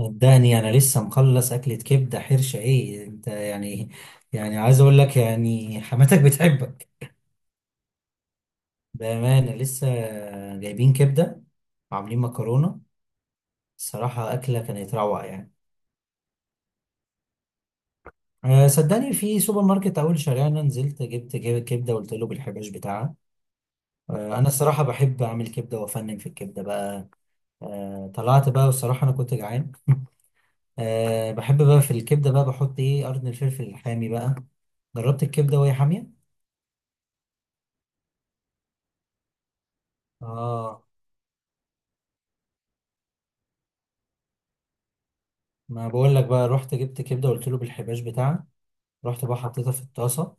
صدقني، انا لسه مخلص اكلة كبدة حرشة، ايه انت يعني. يعني عايز اقول لك يعني حماتك بتحبك. بامانة لسه جايبين كبدة وعاملين مكرونة. الصراحة اكلة كانت روعة يعني. أه، صدقني في سوبر ماركت اول شارعنا، نزلت جبت كبدة وقلت له بالحباش بتاعها. أه، انا الصراحة بحب اعمل كبدة وافنن في الكبدة بقى. أه، طلعت بقى، والصراحة انا كنت جعان أه، بحب بقى في الكبدة بقى بحط ايه قرن الفلفل الحامي بقى. جربت الكبدة وهي حامية. اه، ما بقول لك، بقى رحت جبت كبده قلت له بالحباش بتاعها. رحت بقى حطيتها في الطاسه.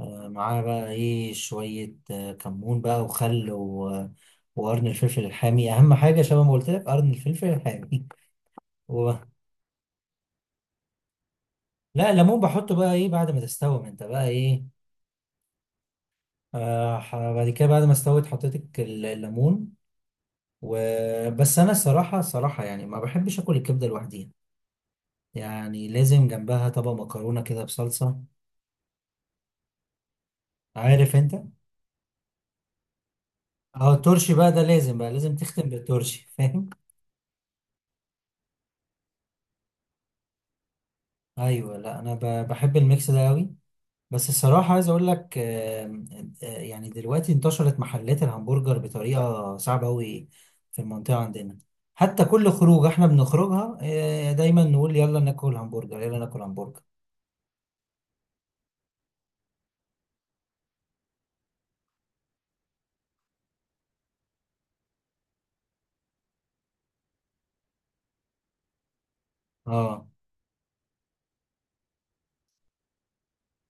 آه، معاها بقى ايه شويه كمون بقى وخل وقرن الفلفل الحامي اهم حاجه، شبه ما قلت لك قرن الفلفل الحامي. و... لا، ليمون بحطه بقى ايه بعد ما تستوي ما انت بقى ايه. بعد كده بعد ما استوت حطيت الليمون. وبس، انا الصراحه يعني ما بحبش اكل الكبده لوحديها. يعني لازم جنبها طبق مكرونه كده بصلصه. عارف انت. اه، الترشي بقى ده لازم، بقى لازم تختم بالترشي، فاهم؟ ايوه، لا انا بحب الميكس ده قوي. بس الصراحه عايز اقول لك يعني دلوقتي انتشرت محلات الهمبرجر بطريقه صعبه قوي في المنطقه عندنا. حتى كل خروج احنا بنخرجها، دايما نقول يلا ناكل همبرجر يلا ناكل همبرجر. اه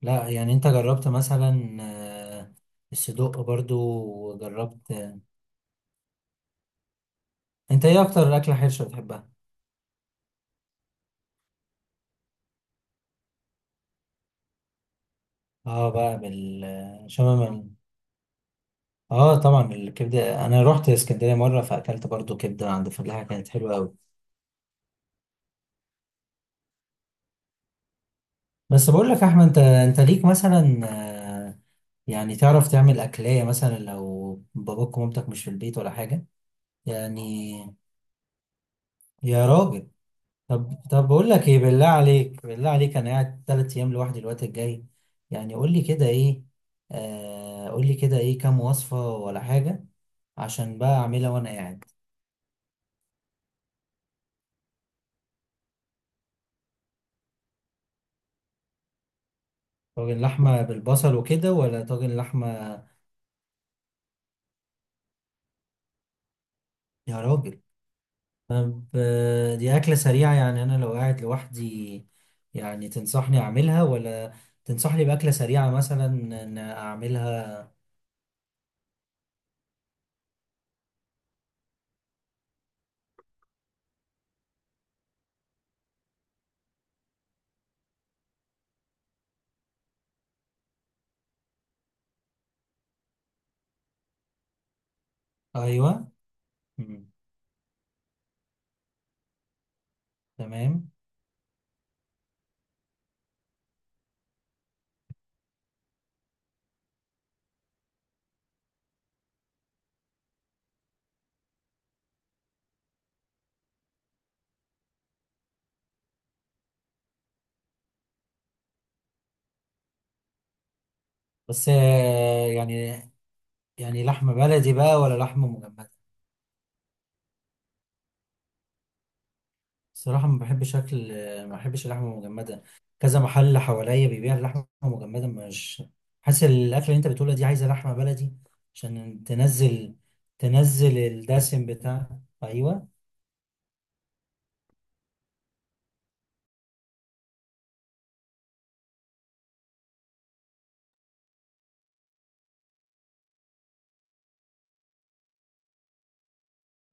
لا، يعني انت جربت مثلا الصدق برضو، وجربت. انت ايه اكتر اكله حرشه بتحبها؟ اه، بقى بالشمام. اه طبعا، الكبده انا رحت اسكندريه مره فاكلت برضو كبده عند فلاحه كانت حلوه قوي. بس بقول لك يا احمد، انت ليك مثلا آه، يعني تعرف تعمل اكليه مثلا لو باباك ومامتك مش في البيت ولا حاجه؟ يعني، يا راجل، طب بقول لك ايه، بالله عليك بالله عليك، انا قاعد 3 ايام لوحدي الوقت الجاي. يعني قول لي كده ايه، آه قول لي كده ايه كام وصفه ولا حاجه، عشان بقى اعملها وانا قاعد. طاجن لحمه بالبصل وكده ولا طاجن لحمه؟ يا راجل. طب، دي أكلة سريعة؟ يعني أنا لو قاعد لوحدي، يعني تنصحني أعملها ولا تنصحني بأكلة سريعة مثلا إن أعملها؟ أيوة. مم. تمام. بس يعني، يعني لحمة بلدي بقى ولا لحمة مجمدة؟ صراحة، ما بحبش أكل، ما بحبش اللحمة المجمدة. كذا محل حواليا بيبيع اللحمة المجمدة، مش حاسس الأكلة اللي أنت بتقولها دي عايزة لحمة بلدي عشان تنزل، تنزل الدسم بتاع. أيوة.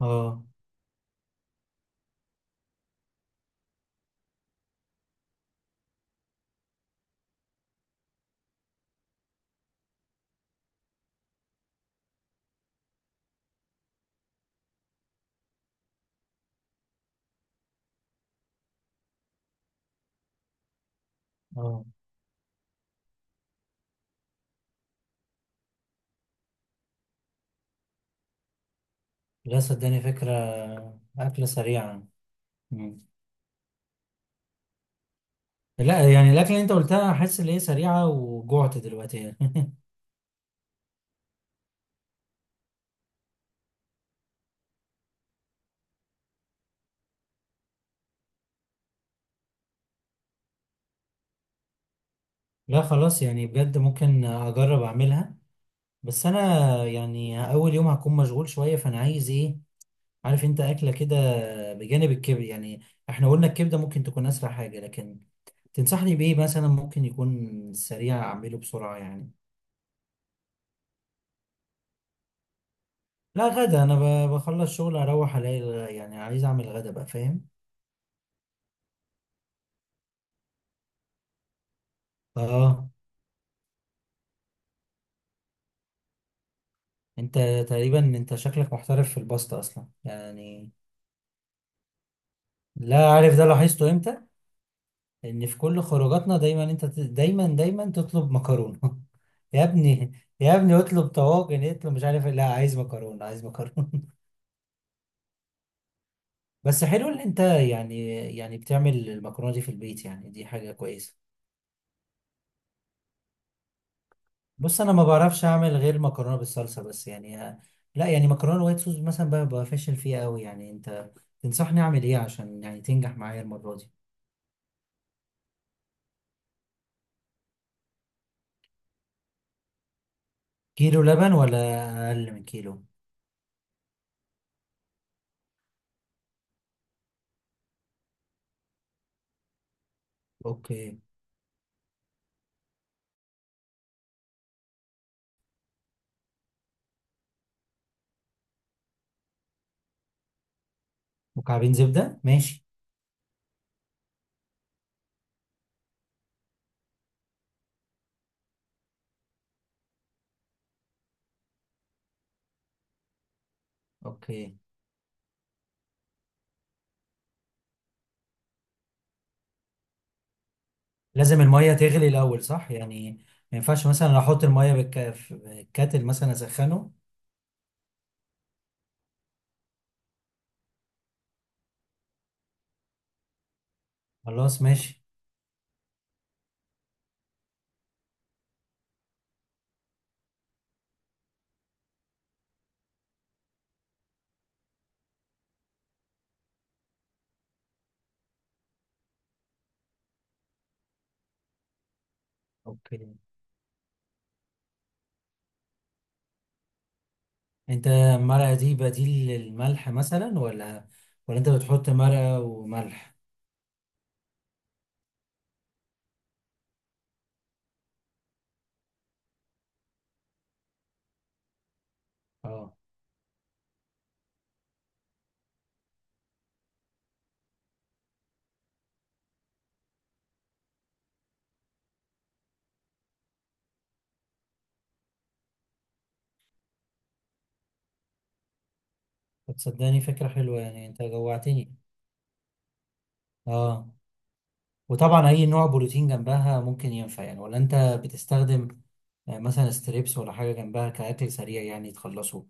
اه. اه، لا صدقني فكرة. أكلة سريعة. مم. لا يعني الأكلة اللي أنت قلتها أحس إن هي سريعة، وجوعت دلوقتي يعني. لا خلاص، يعني بجد ممكن أجرب أعملها. بس أنا يعني أول يوم هكون مشغول شوية، فأنا عايز إيه، عارف أنت، أكلة كده بجانب الكبد يعني. إحنا قلنا الكبدة ممكن تكون أسرع حاجة، لكن تنصحني بإيه مثلا ممكن يكون سريع أعمله بسرعة يعني؟ لا، غدا أنا بخلص شغل أروح ألاقي يعني عايز أعمل غدا بقى، فاهم؟ آه. انت تقريبا، انت شكلك محترف في الباستا اصلا يعني. لا عارف ده لاحظته امتى، ان في كل خروجاتنا دايما انت دايما دايما تطلب مكرونه يا ابني، يا ابني اطلب طواجن، اطلب مش عارف إيه. لا، عايز مكرونه عايز مكرونه بس حلو ان انت يعني، يعني بتعمل المكرونه دي في البيت، يعني دي حاجه كويسه. بص، انا ما بعرفش اعمل غير مكرونه بالصلصه، بس يعني لا يعني مكرونه وايت صوص مثلا بقى فاشل فيها قوي، يعني انت تنصحني اعمل ايه عشان يعني تنجح معايا المره دي؟ كيلو لبن ولا اقل من كيلو؟ اوكي. مكعبين زبده ماشي. اوكي. لازم الميه تغلي الاول صح يعني؟ ما ينفعش مثلا احط الميه في الكاتل مثلا اسخنه؟ خلاص ماشي. اوكي. انت المرقه دي بديل للملح مثلا، ولا انت بتحط مرقه وملح؟ اه. تصدقني فكره حلوه، يعني انت جوعتني. اه. وطبعا اي نوع بروتين جنبها ممكن ينفع يعني، ولا انت بتستخدم يعني مثلا ستريبس ولا حاجة جنبها كأكل سريع يعني يتخلصوا؟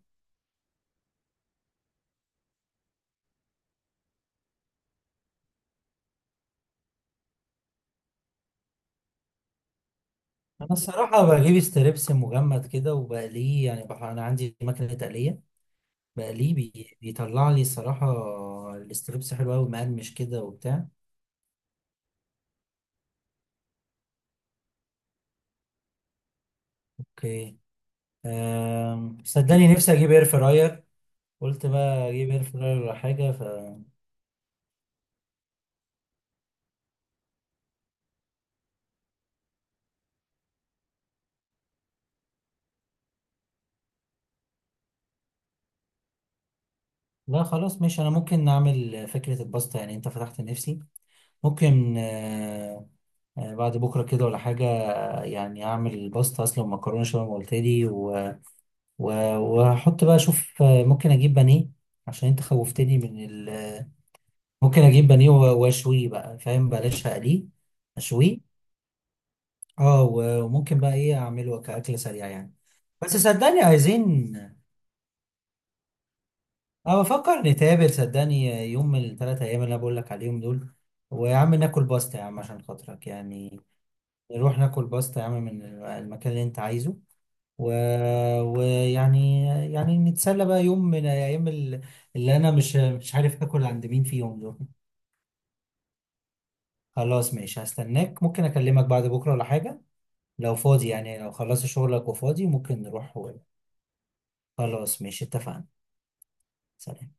أنا الصراحة بجيب ستريبس مجمد كده وبقليه، يعني أنا عندي مكنة تقلية، بقليه بيطلع لي الصراحة الستريبس حلو أوي مقرمش كده وبتاع. أوكي. صدقني نفسي أجيب إير فراير، قلت بقى أجيب إير فراير ولا حاجة لا خلاص ماشي، أنا ممكن نعمل فكرة الباستا، يعني أنت فتحت نفسي. ممكن بعد بكرة كده ولا حاجة، يعني أعمل باستا أصلا مكرونة شبه ما قلت لي و- واحط بقى اشوف، ممكن اجيب بانيه، عشان انت خوفتني من ممكن اجيب بانيه واشويه بقى، فاهم؟ بلاش اقليه. اشويه. اه وممكن بقى ايه اعمله كاكل سريع يعني؟ بس صدقني عايزين. اه، بفكر نتقابل صدقني يوم من الثلاث ايام اللي انا بقول لك عليهم دول، ويا عم ناكل باستا يا عم عشان خاطرك يعني، نروح ناكل باستا يا عم من المكان اللي انت عايزه، و... ويعني نتسلى بقى يوم من ايام اللي انا مش عارف اكل عند مين فيهم دول. خلاص ماشي هستناك، ممكن اكلمك بعد بكره ولا حاجه. لو فاضي، يعني لو خلصت شغلك وفاضي، ممكن نروح خلاص ماشي اتفقنا. سلام